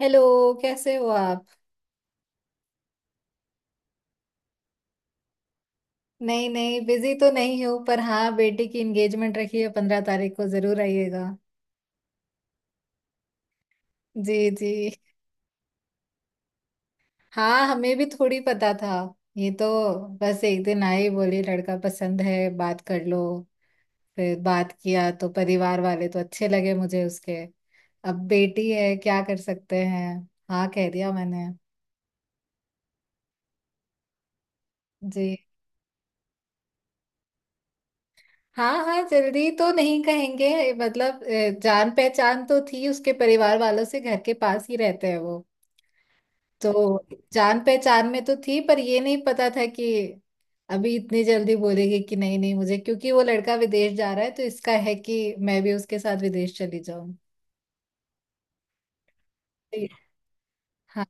Hello. कैसे हो आप? नहीं नहीं बिजी तो नहीं हो, पर हाँ, बेटी की एंगेजमेंट रखी है 15 तारीख को, जरूर आइएगा। जी जी। हाँ, हमें भी थोड़ी पता था। ये तो बस एक दिन आई, बोली लड़का पसंद है, बात कर लो। फिर बात किया तो परिवार वाले तो अच्छे लगे मुझे उसके। अब बेटी है, क्या कर सकते हैं। हाँ, कह दिया मैंने। जी। हाँ हाँ, जल्दी तो नहीं कहेंगे। मतलब जान पहचान तो थी उसके परिवार वालों से, घर के पास ही रहते हैं वो। तो जान पहचान में तो थी, पर ये नहीं पता था कि अभी इतनी जल्दी बोलेगी कि नहीं नहीं मुझे, क्योंकि वो लड़का विदेश जा रहा है तो इसका है कि मैं भी उसके साथ विदेश चली जाऊं। हाँ।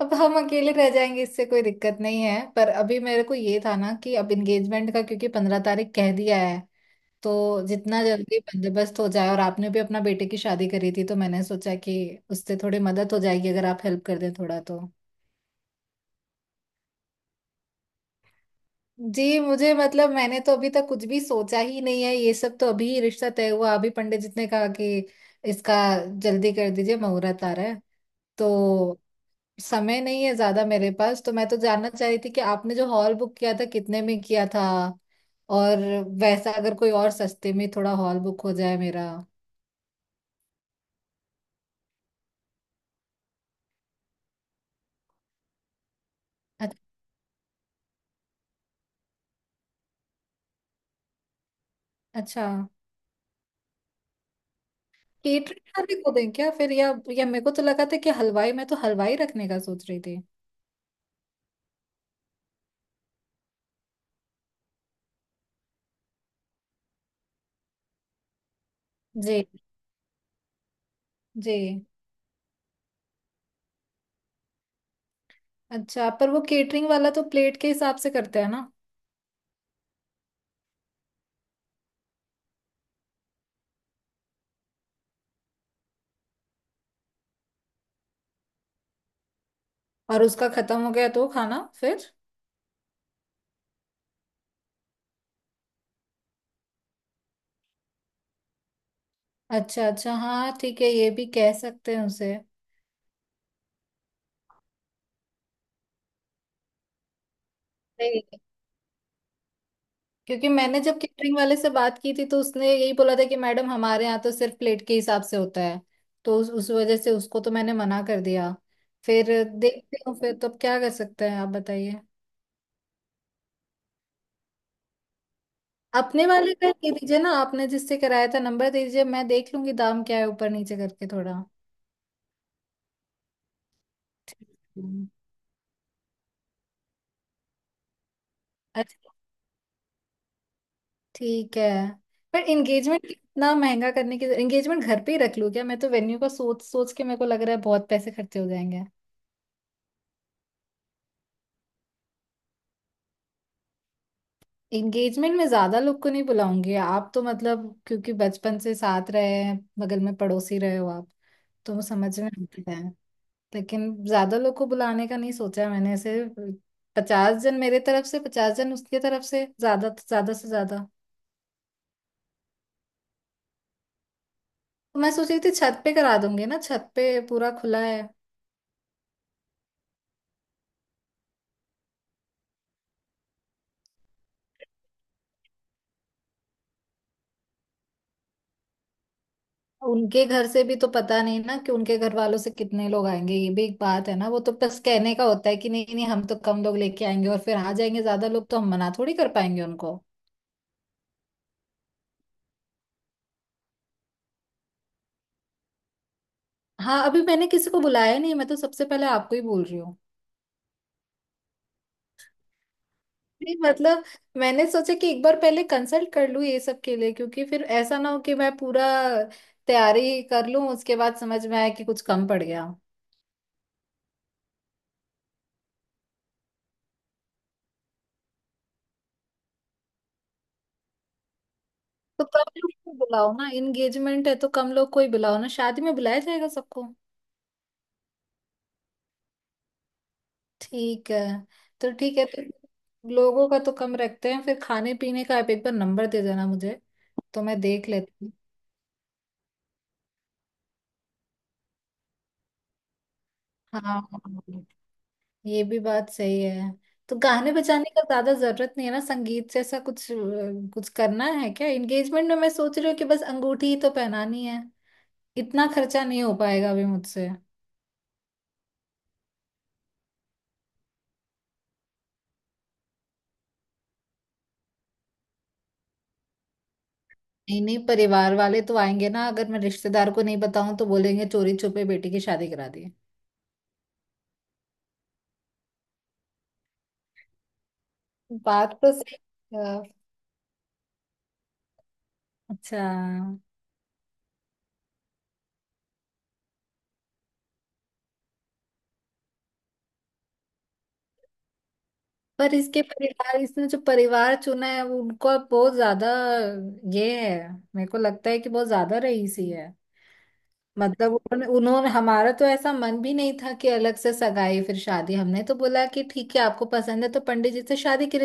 अब हम अकेले रह जाएंगे इससे कोई दिक्कत नहीं है, पर अभी मेरे को ये था ना कि अब एंगेजमेंट का, क्योंकि 15 तारीख कह दिया है। तो जितना जल्दी बंदोबस्त हो जाए, और आपने भी अपना बेटे की शादी करी थी, तो मैंने सोचा कि उससे थोड़ी मदद हो जाएगी, अगर आप हेल्प कर दें थोड़ा तो। जी, मुझे मतलब मैंने तो अभी तक कुछ भी सोचा ही नहीं है, ये सब तो अभी ही रिश्ता तय हुआ। अभी पंडित जी ने कहा कि इसका जल्दी कर दीजिए, मुहूर्त आ रहा है। तो समय नहीं है ज्यादा मेरे पास, तो मैं तो जानना चाह रही थी कि आपने जो हॉल बुक किया था कितने में किया था, और वैसा अगर कोई और सस्ते में थोड़ा हॉल बुक हो जाए मेरा। अच- अच्छा। केटरिंग वाले को दें क्या फिर, या मेरे को तो लगा था कि हलवाई, मैं तो हलवाई रखने का सोच रही थी। जी। जी, अच्छा, पर वो केटरिंग वाला तो प्लेट के हिसाब से करते हैं ना। और उसका खत्म हो गया तो खाना फिर? अच्छा अच्छा, हाँ ठीक है, ये भी कह सकते हैं उसे। नहीं, क्योंकि मैंने जब केटरिंग वाले से बात की थी, तो उसने यही बोला था कि मैडम हमारे यहाँ तो सिर्फ प्लेट के हिसाब से होता है। तो उस वजह से उसको तो मैंने मना कर दिया। फिर देखते हूँ, फिर तो अब क्या कर सकते हैं, आप बताइए। अपने वाले का दे दीजिए ना, आपने जिससे कराया था नंबर दे दीजिए, मैं देख लूंगी दाम क्या है ऊपर नीचे करके थोड़ा। अच्छा। ठीक है। पर एंगेजमेंट इतना महंगा करने की, एंगेजमेंट घर पे ही रख लूँ क्या, मैं तो वेन्यू का सोच सोच के मेरे को लग रहा है बहुत पैसे खर्चे हो जाएंगे। एंगेजमेंट में ज्यादा लोग को नहीं बुलाऊंगी, आप तो मतलब क्योंकि बचपन से साथ रहे हैं, बगल में पड़ोसी रहे हो आप, तो वो समझ में आता है। लेकिन ज्यादा लोग को बुलाने का नहीं सोचा है मैंने ऐसे। 50 जन मेरे तरफ से, 50 जन उसके तरफ से, ज्यादा ज्यादा से ज्यादा। तो मैं सोच रही थी छत पे करा दूंगी ना, छत पे पूरा खुला है। उनके घर से भी तो पता नहीं ना कि उनके घर वालों से कितने लोग आएंगे, ये भी एक बात है ना। वो तो बस कहने का होता है कि नहीं नहीं हम तो कम लोग लेके आएंगे, और फिर आ जाएंगे ज्यादा लोग, तो हम मना थोड़ी कर पाएंगे उनको। हाँ, अभी मैंने किसी को बुलाया नहीं है, मैं तो सबसे पहले आपको ही बोल रही हूँ। नहीं, मतलब मैंने सोचा कि एक बार पहले कंसल्ट कर लूँ ये सब के लिए, क्योंकि फिर ऐसा ना हो कि मैं पूरा तैयारी कर लूँ उसके बाद समझ में आया कि कुछ कम पड़ गया। तो कम लोग को बुलाओ ना, एंगेजमेंट है तो कम लोग को ही बुलाओ ना, शादी में बुलाया जाएगा सबको। ठीक है। तो ठीक है, तो लोगों का तो कम रखते हैं, फिर खाने पीने का आप एक बार नंबर दे देना मुझे, तो मैं देख लेती हूँ। हाँ, ये भी बात सही है। तो गाने बजाने का ज्यादा जरूरत नहीं है ना, संगीत से ऐसा कुछ कुछ करना है क्या एंगेजमेंट में, मैं सोच रही हूँ कि बस अंगूठी ही तो पहनानी है, इतना खर्चा नहीं हो पाएगा अभी मुझसे। नहीं नहीं, परिवार वाले तो आएंगे ना, अगर मैं रिश्तेदार को नहीं बताऊं तो बोलेंगे चोरी छुपे बेटी की शादी करा दी। बात तो सही है। अच्छा। पर इसके परिवार, इसने जो परिवार चुना है वो उनको अब बहुत ज्यादा ये है, मेरे को लगता है कि बहुत ज्यादा रईसी है। मतलब उन्होंने उन्होंने- हमारा तो ऐसा मन भी नहीं था कि अलग से सगाई फिर शादी, हमने तो बोला कि ठीक है, आपको पसंद है तो पंडित जी से शादी के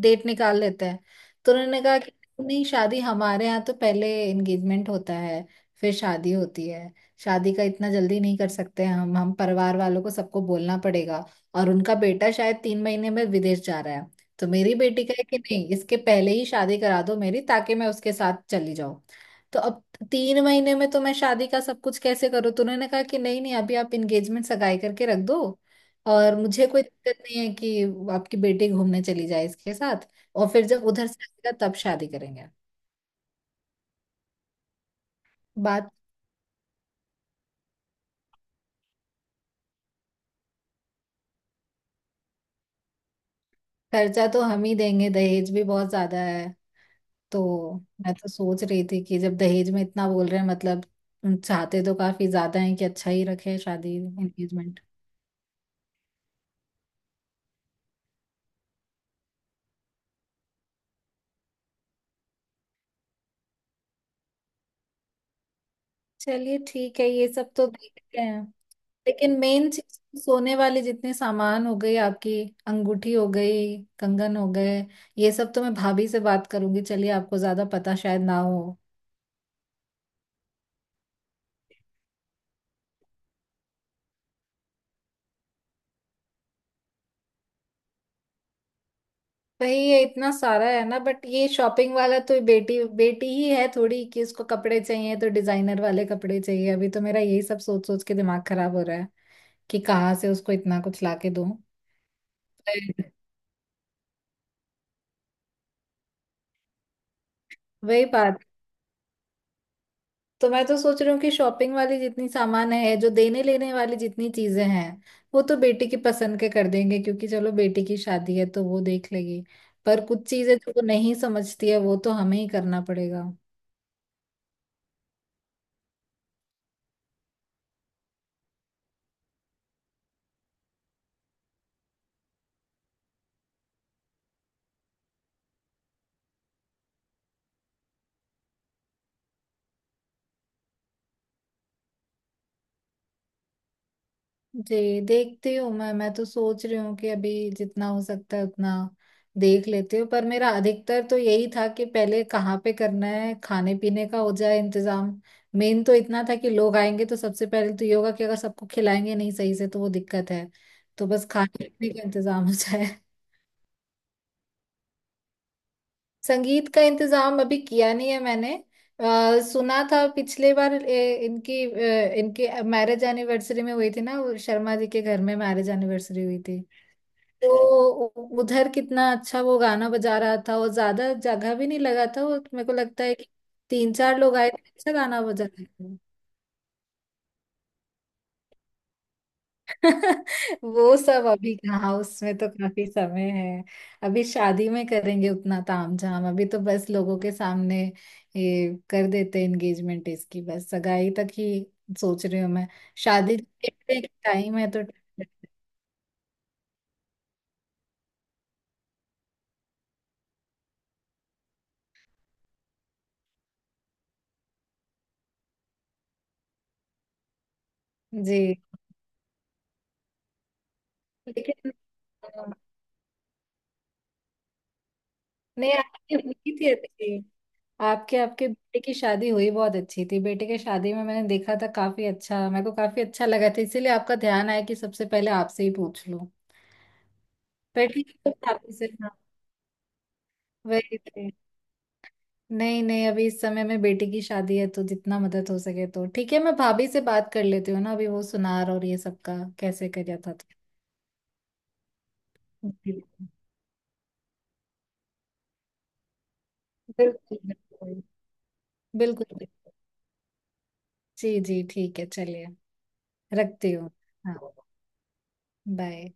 डेट निकाल लेते हैं। तो उन्होंने कहा कि नहीं, शादी हमारे यहाँ तो पहले एंगेजमेंट होता है, फिर शादी होती है, शादी का इतना जल्दी नहीं कर सकते, हम परिवार वालों को सबको बोलना पड़ेगा। और उनका बेटा शायद 3 महीने में विदेश जा रहा है, तो मेरी बेटी का है कि नहीं इसके पहले ही शादी करा दो मेरी, ताकि मैं उसके साथ चली जाऊं। तो अब 3 महीने में तो मैं शादी का सब कुछ कैसे करूँ, तो उन्होंने कहा कि नहीं नहीं अभी आप एंगेजमेंट सगाई करके रख दो, और मुझे कोई दिक्कत नहीं है कि आपकी बेटी घूमने चली जाए इसके साथ, और फिर जब उधर से आएगा तब शादी करेंगे। बात। खर्चा तो हम ही देंगे, दहेज भी बहुत ज्यादा है। तो मैं तो सोच रही थी कि जब दहेज में इतना बोल रहे हैं, मतलब चाहते तो काफी ज्यादा है कि अच्छा ही रखे शादी एंगेजमेंट। चलिए ठीक है, ये सब तो देखते हैं। लेकिन मेन चीज, सोने वाले जितने सामान हो गए, आपकी अंगूठी हो गई, कंगन हो गए, ये सब तो मैं भाभी से बात करूंगी, चलिए आपको ज्यादा पता शायद ना हो। भाई ये इतना सारा है ना, बट ये शॉपिंग वाला तो, बेटी बेटी ही है थोड़ी कि उसको कपड़े चाहिए तो डिजाइनर वाले कपड़े चाहिए, अभी तो मेरा यही सब सोच सोच के दिमाग खराब हो रहा है कि कहाँ से उसको इतना कुछ लाके दूं। वही। वही बात, तो मैं तो सोच रही हूँ कि शॉपिंग वाली जितनी सामान है, जो देने लेने वाली जितनी चीजें हैं वो तो बेटी की पसंद के कर देंगे, क्योंकि चलो बेटी की शादी है तो वो देख लेगी। पर कुछ चीजें जो वो नहीं समझती है वो तो हमें ही करना पड़ेगा। जी, देखती हूँ, मैं तो सोच रही हूँ कि अभी जितना हो सकता है उतना देख लेती हूँ, पर मेरा अधिकतर तो यही था कि पहले कहाँ पे करना है, खाने पीने का हो जाए इंतजाम। मेन तो इतना था कि लोग आएंगे, तो सबसे पहले तो ये होगा कि अगर सबको खिलाएंगे नहीं सही से तो वो दिक्कत है। तो बस खाने पीने का इंतजाम हो जाए। संगीत का इंतजाम अभी किया नहीं है मैंने। सुना था पिछले बार, इनकी इनके मैरिज एनिवर्सरी में हुई थी ना, वो शर्मा जी के घर में मैरिज एनिवर्सरी हुई थी। तो उधर कितना अच्छा वो गाना बजा रहा था, और ज्यादा जगह भी नहीं लगा था, और मेरे को लगता है कि तीन चार लोग आए थे, अच्छा गाना बजा रहे थे। वो सब अभी कहाँ, उसमें तो काफी समय है। अभी शादी में करेंगे उतना तामझाम, अभी तो बस लोगों के सामने ये कर देते एंगेजमेंट, इसकी बस सगाई तक ही सोच रही हूँ मैं। शादी टाइम है तो। जी। लेकिन अ, नहीं, आपकी हुई थी अच्छी, आपके आपके बेटे की शादी हुई बहुत अच्छी थी, बेटे की शादी में मैंने देखा था काफी अच्छा, मेरे को काफी अच्छा लगा था, इसीलिए आपका ध्यान आया कि सबसे पहले आपसे ही पूछ लूं। पर ठीक है, तो आप इसे, हाँ वही थे। नहीं नहीं, अभी इस समय में बेटी की शादी है तो जितना मदद हो सके तो ठीक है, मैं भाभी से बात कर लेती हूँ ना, अभी वो सुनार और ये सब का कैसे कर था तो। बिल्कुल बिल्कुल बिल्कुल बिल्कुल। जी जी ठीक है, चलिए, रखती हूँ। हाँ। बाय।